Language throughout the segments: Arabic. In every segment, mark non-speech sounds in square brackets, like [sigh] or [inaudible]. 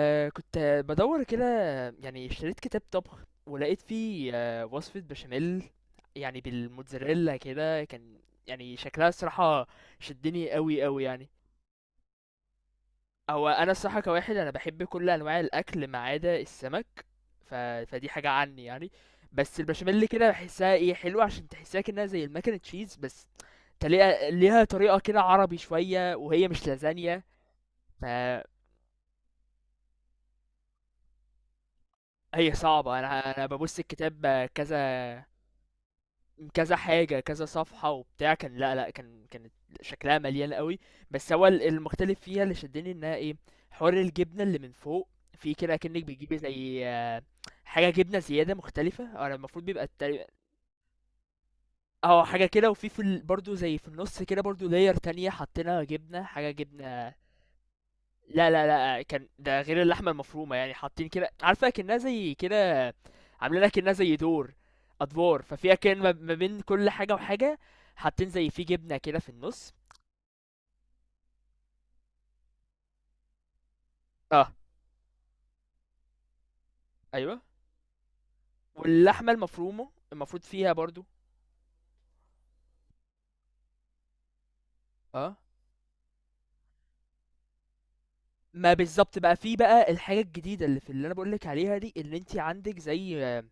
كنت بدور كده. يعني اشتريت كتاب طبخ ولقيت فيه وصفة بشاميل يعني بالموتزاريلا كده. كان يعني شكلها الصراحة شدني قوي قوي يعني. هو انا الصراحة كواحد انا بحب كل انواع الاكل ما عدا السمك. فدي حاجة عني يعني. بس البشاميل كده بحسها ايه حلوة، عشان تحسها كأنها زي المكن تشيز، بس تلاقيها ليها طريقة كده عربي شوية وهي مش لازانيا. فهي صعبة. انا ببص الكتاب كذا كذا حاجة كذا صفحة وبتاع كان. لأ، لأ، كانت شكلها مليان أوي، بس هو ال المختلف فيها اللي شدني إنها إيه، حوار الجبنة اللي من فوق، في كده أكنّك بتجيبي زي حاجة جبنة زيادة مختلفة. هو أنا المفروض بيبقى تقريبًا حاجة كده. وفي في ال برضه زي في النُص كده، برضه layer تانية حاطينها جبنة، حاجة جبنة. لا لا، لأ، كان ده غير اللحمة المفرومة. يعني حاطين كده، عارفة أكنها زي كده، عاملينها أكنها زي دور أدوار. ففي أكن ما بين كل حاجة وحاجة حاطين زي في جبنة كده في النص. اه، أيوه، واللحمة المفرومة المفروض فيها برضو. اه، ما بالظبط بقى، في بقى الحاجة الجديدة اللي في، اللي أنا بقولك عليها دي اللي انت عندك زي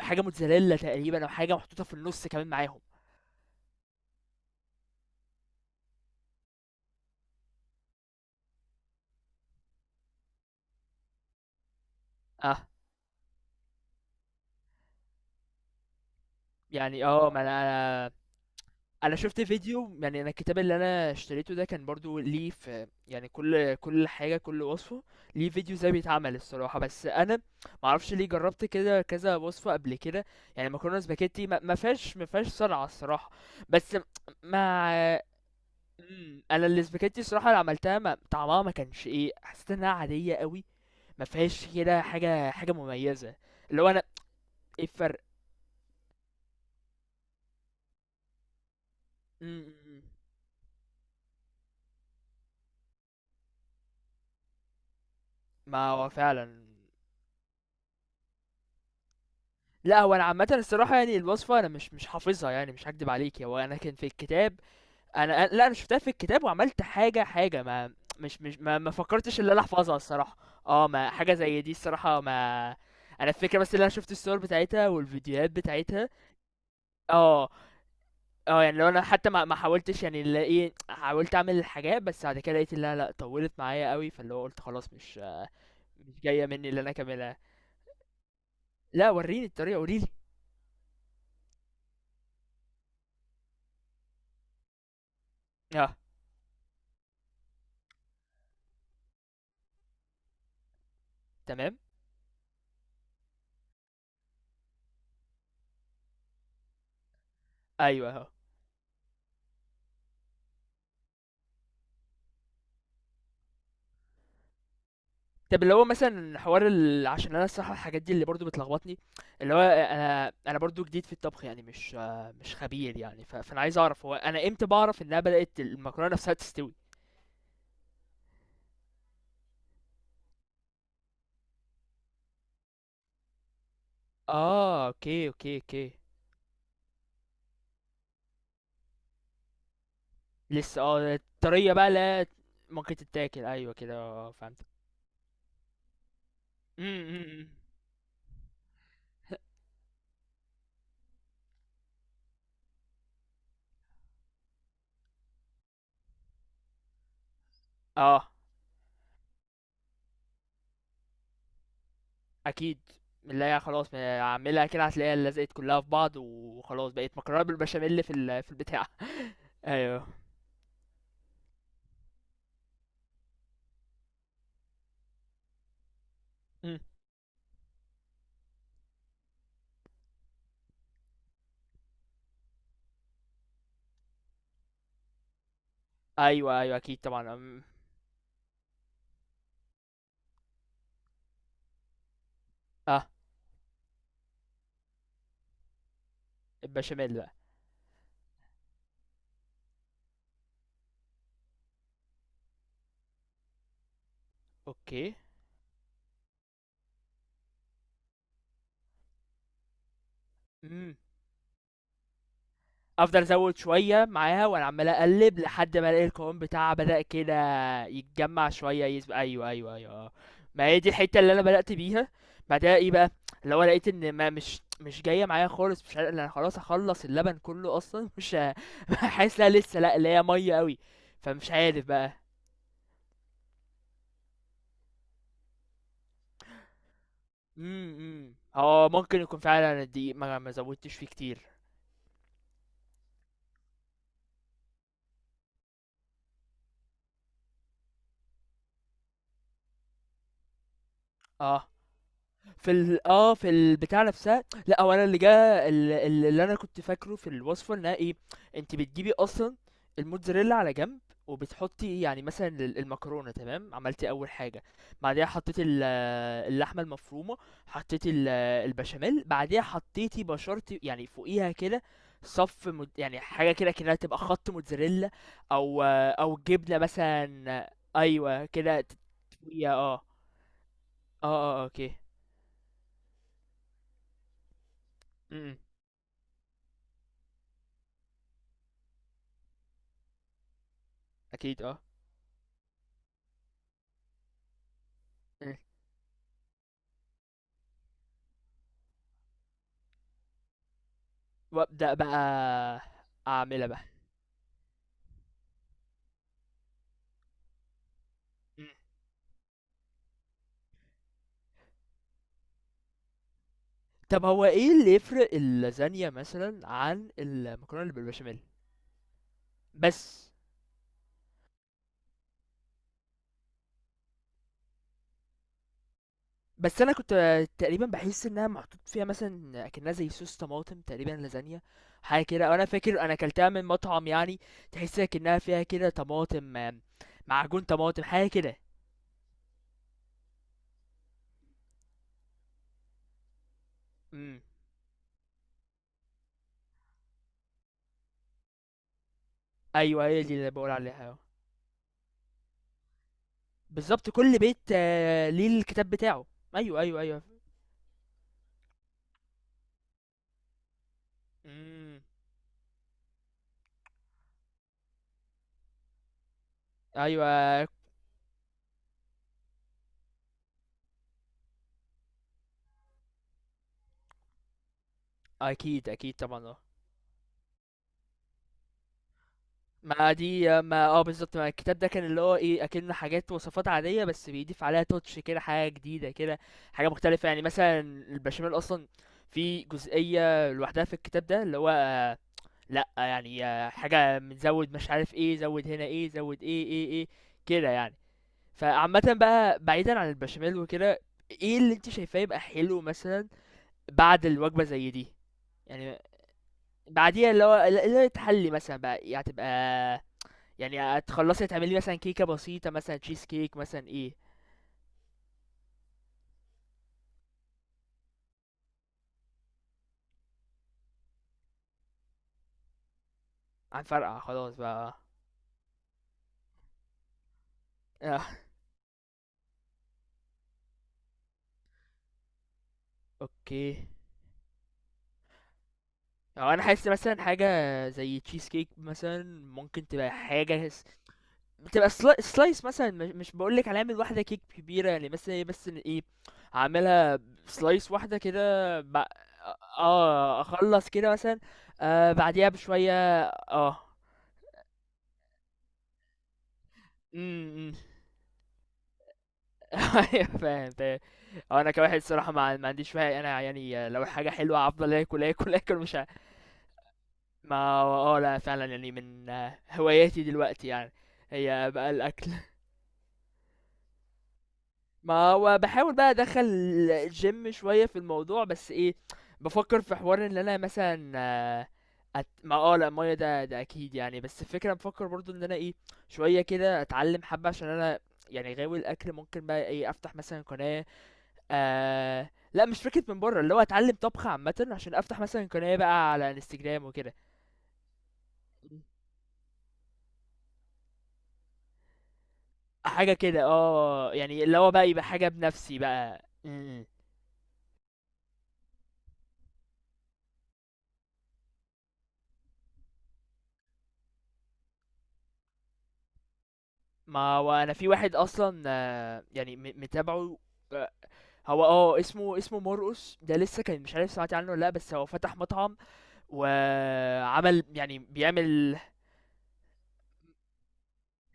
حاجة موتزاريلا تقريبا، أو حاجة محطوطة في النص كمان معاهم. اه يعني اه، ما أنا انا شفت فيديو. يعني انا الكتاب اللي انا اشتريته ده كان برضو ليه في يعني كل حاجه كل وصفه ليه فيديو ازاي بيتعمل الصراحه. بس انا ما اعرفش ليه، جربت كده كذا وصفه قبل كده. يعني مكرونه سباكيتي ما فيهاش صنعه الصراحه. بس ما، انا السباكيتي الصراحه اللي عملتها ما طعمها ما كانش ايه. حسيت انها عاديه قوي. ما فيهاش كده حاجه مميزه. اللي هو انا، ايه الفرق. مم، مم. ما هو فعلا. لا هو انا عامه الصراحه يعني، الوصفه انا مش حافظها يعني. مش هكدب عليك، هو انا كان في الكتاب. لا انا شفتها في الكتاب وعملت حاجه ما. مش مش ما فكرتش ان انا احفظها الصراحه. اه ما حاجه زي دي الصراحه، ما انا الفكره بس، اللي انا شفت الصور بتاعتها والفيديوهات بتاعتها. اه. اه يعني لو انا حتى ما حاولتش يعني، اللي ايه، حاولت اعمل الحاجات بس بعد كده لقيت انها لا، طولت معايا قوي. فاللي هو قلت خلاص مش جايه مني اللي انا اكملها. لا وريني الطريقه، قوليلي. اه تمام. ايوه اهو. طب اللي هو مثلا، حوار ال... عشان انا الصراحه الحاجات دي اللي برضو بتلخبطني، اللي هو انا برضو جديد في الطبخ يعني، مش خبير يعني. فانا عايز اعرف، هو انا امتى بعرف انها بدات المكرونه نفسها تستوي؟ اه اوكي اوكي اوكي. لسه اه الطريه بقى لا، ممكن تتاكل. ايوه كده، فهمت. م- م- م. [laughs] اه اكيد. لا يا خلاص، ما اعملها كده هتلاقيها لزقت كلها في بعض وخلاص، بقت مكرونه بالبشاميل في ال... في البتاع. [laughs] ايوه. م. ايوه ايوه اكيد طبعا. أم. اه. البشاميل بقى. اوكي. امم افضل ازود شويه معاها وانا عمال اقلب لحد ما الاقي القوام بتاعها بدا كده يتجمع شويه يز... ايوه ايوه ايوه اه. ما هي دي الحته اللي انا بدات بيها. بعدها ايه بقى؟ اللي هو لقيت ان ما، مش جايه معايا خالص، مش عارف- انا خلاص هخلص اللبن كله اصلا، مش ه- [laughs] حاسس لا لسه لا، اللي هي ميه قوي، فمش عارف بقى. اه ممكن يكون فعلا الدقيق ما زودتش فيه كتير. اه في ال في البتاع نفسها. لأ هو أنا اللي جه، ال ال اللي أنا كنت فاكره في الوصفة إنها إيه، أنتِ بتجيبي أصلًا الموتزاريلا على جنب، وبتحطي يعني مثلًا ال المكرونة تمام، عملتِ أول حاجة، بعديها حطيتِ ال اللحمة المفرومة، حطيتِ ال البشاميل، بعديها حطيتِ بشرتِ يعني فوقيها كده. صَف مت يعني حاجة كده أكنها تبقى خَط موتزاريلا، أو جبنة مثلًا. أيوه كده ت، فوقيها آه، آه، آه، آه، أوكي. إمم، إمم. أكيد آه. إمم. وأبدأ بقى أعملها بقى. إمم. طب هو إيه اللي يفرق اللازانيا مثلًا عن المكرونة اللي بالبشاميل؟ بس، بس، أنا كنت تقريبا باحس إنها محطوط فيها مثلًا أكنها زي صوص طماطم تقريبا اللازانيا، حاجة كده. أو أنا فاكر أنا أكلتها من مطعم يعني، تحس أكنها فيها كده طماطم، آم، معجون طماطم، حاجة كده. إمم. أيوه هي دي اللي باقول عليها آه. بالضبط، كل بيت آه، ليه الكتاب بتاعه. أيوه، أيوه، أيوه. إمم. أيوه أكيد أكيد طبعًا آه. ما دي ما آه بالضبط، ما الكتاب ده كان اللي هو إيه، أكِن حاجات وصفات عادية بس بيضيف عليها touch كده، حاجة جديدة كده، حاجة مختلفة. يعني مثلًا البشاميل أصلًا في جزئية لوحدها في الكتاب ده اللي هو آه، لأ، يعني آه، حاجة من زوِّد، مش عارف إيه، زوِّد هنا إيه، زوِّد إيه، إيه، إيه، كده يعني. فعامةً بقى، بعيدًا عن البشاميل وكده، إيه اللي أنتِ شايفاه يبقى حلو مثلًا بعد الوجبة زي دي؟ يعني بعديها اللي هو اللي هي تحلي مثلا بقى. يعني هتبقى يعني هتخلصي تعملي مثلا كيكة بسيطة مثلا، تشيز كيك مثلا ايه. هنفرقع خلاص بقى. اه اوكي. هو انا حاسس مثلا حاجة زي تشيز كيك مثلا ممكن تبقى حاجة س- بتبقى سلا- سلايس مثلا، مش بقولك هنعمل واحدة كيك كبيرة يعني مثلا إيه، بس إن ايه هعملها سلايس واحدة كده بق- اه اخلص كده مثلا. آه بعديها بشوية. اه. إمم، إمم. [laughs] أيوه فاهم تمام. هو أنا كواحد الصراحة ما عنديش فيها أنا يعني، لو حاجة حلوة هافضل آكل، آكل، [laughs] آكل مش ه. ما هو آه لأ، فعلًا يعني من آه، هواياتي دلوقتي يعني، هي بقى الأكل. [laughs] ما هو باحاول بقى أدخّل الgym شوية في الموضوع. بس إيه، بافكّر في حوار إن أنا مثلًا آه، أت ما آه لأ المَيّة ده أكيد يعني. بس الفكرة بافكّر برضه إن أنا إيه، شوية كده أتعلّم حبّة عشان أنا يعني غاوي الأكل، ممكن بقى إيه، أفتح مثلًا قناة. آه لا، مش فكرة من بره، اللي هو اتعلم طبخ عامة عشان افتح مثلا قناة بقى على انستجرام وكده، حاجة كده اه يعني، اللي هو بقى يبقى حاجة بنفسي بقى م-م. ما وانا في واحد اصلا آه، يعني م- متابعه آه، هو اه اسمه مرقص ده. لسه كان مش عارف سمعت عنه ولا لا. بس هو فتح مطعم وعمل يعني بيعمل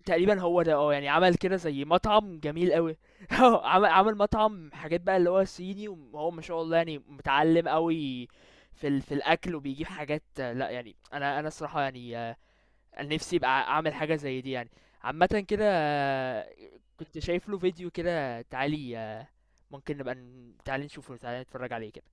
تقريبا هو ده آه، يعني عمل كده زي مطعم جميل أوي. آه، [laughs] عمل مطعم حاجات بقى اللي هو صيني، وهو ما شاء الله يعني متعلم أوي في ال... في الأكل وبيجيب حاجات آه، لأ يعني، أنا الصراحة يعني آه، أنا نفسي أبقى أعمل حاجة زي دي يعني، عامة كده آه، كنت شايف له فيديو كده. تعالي آه، ممكن نبقى ن- تعالي نشوفه، تعالي نتفرج عليه كده.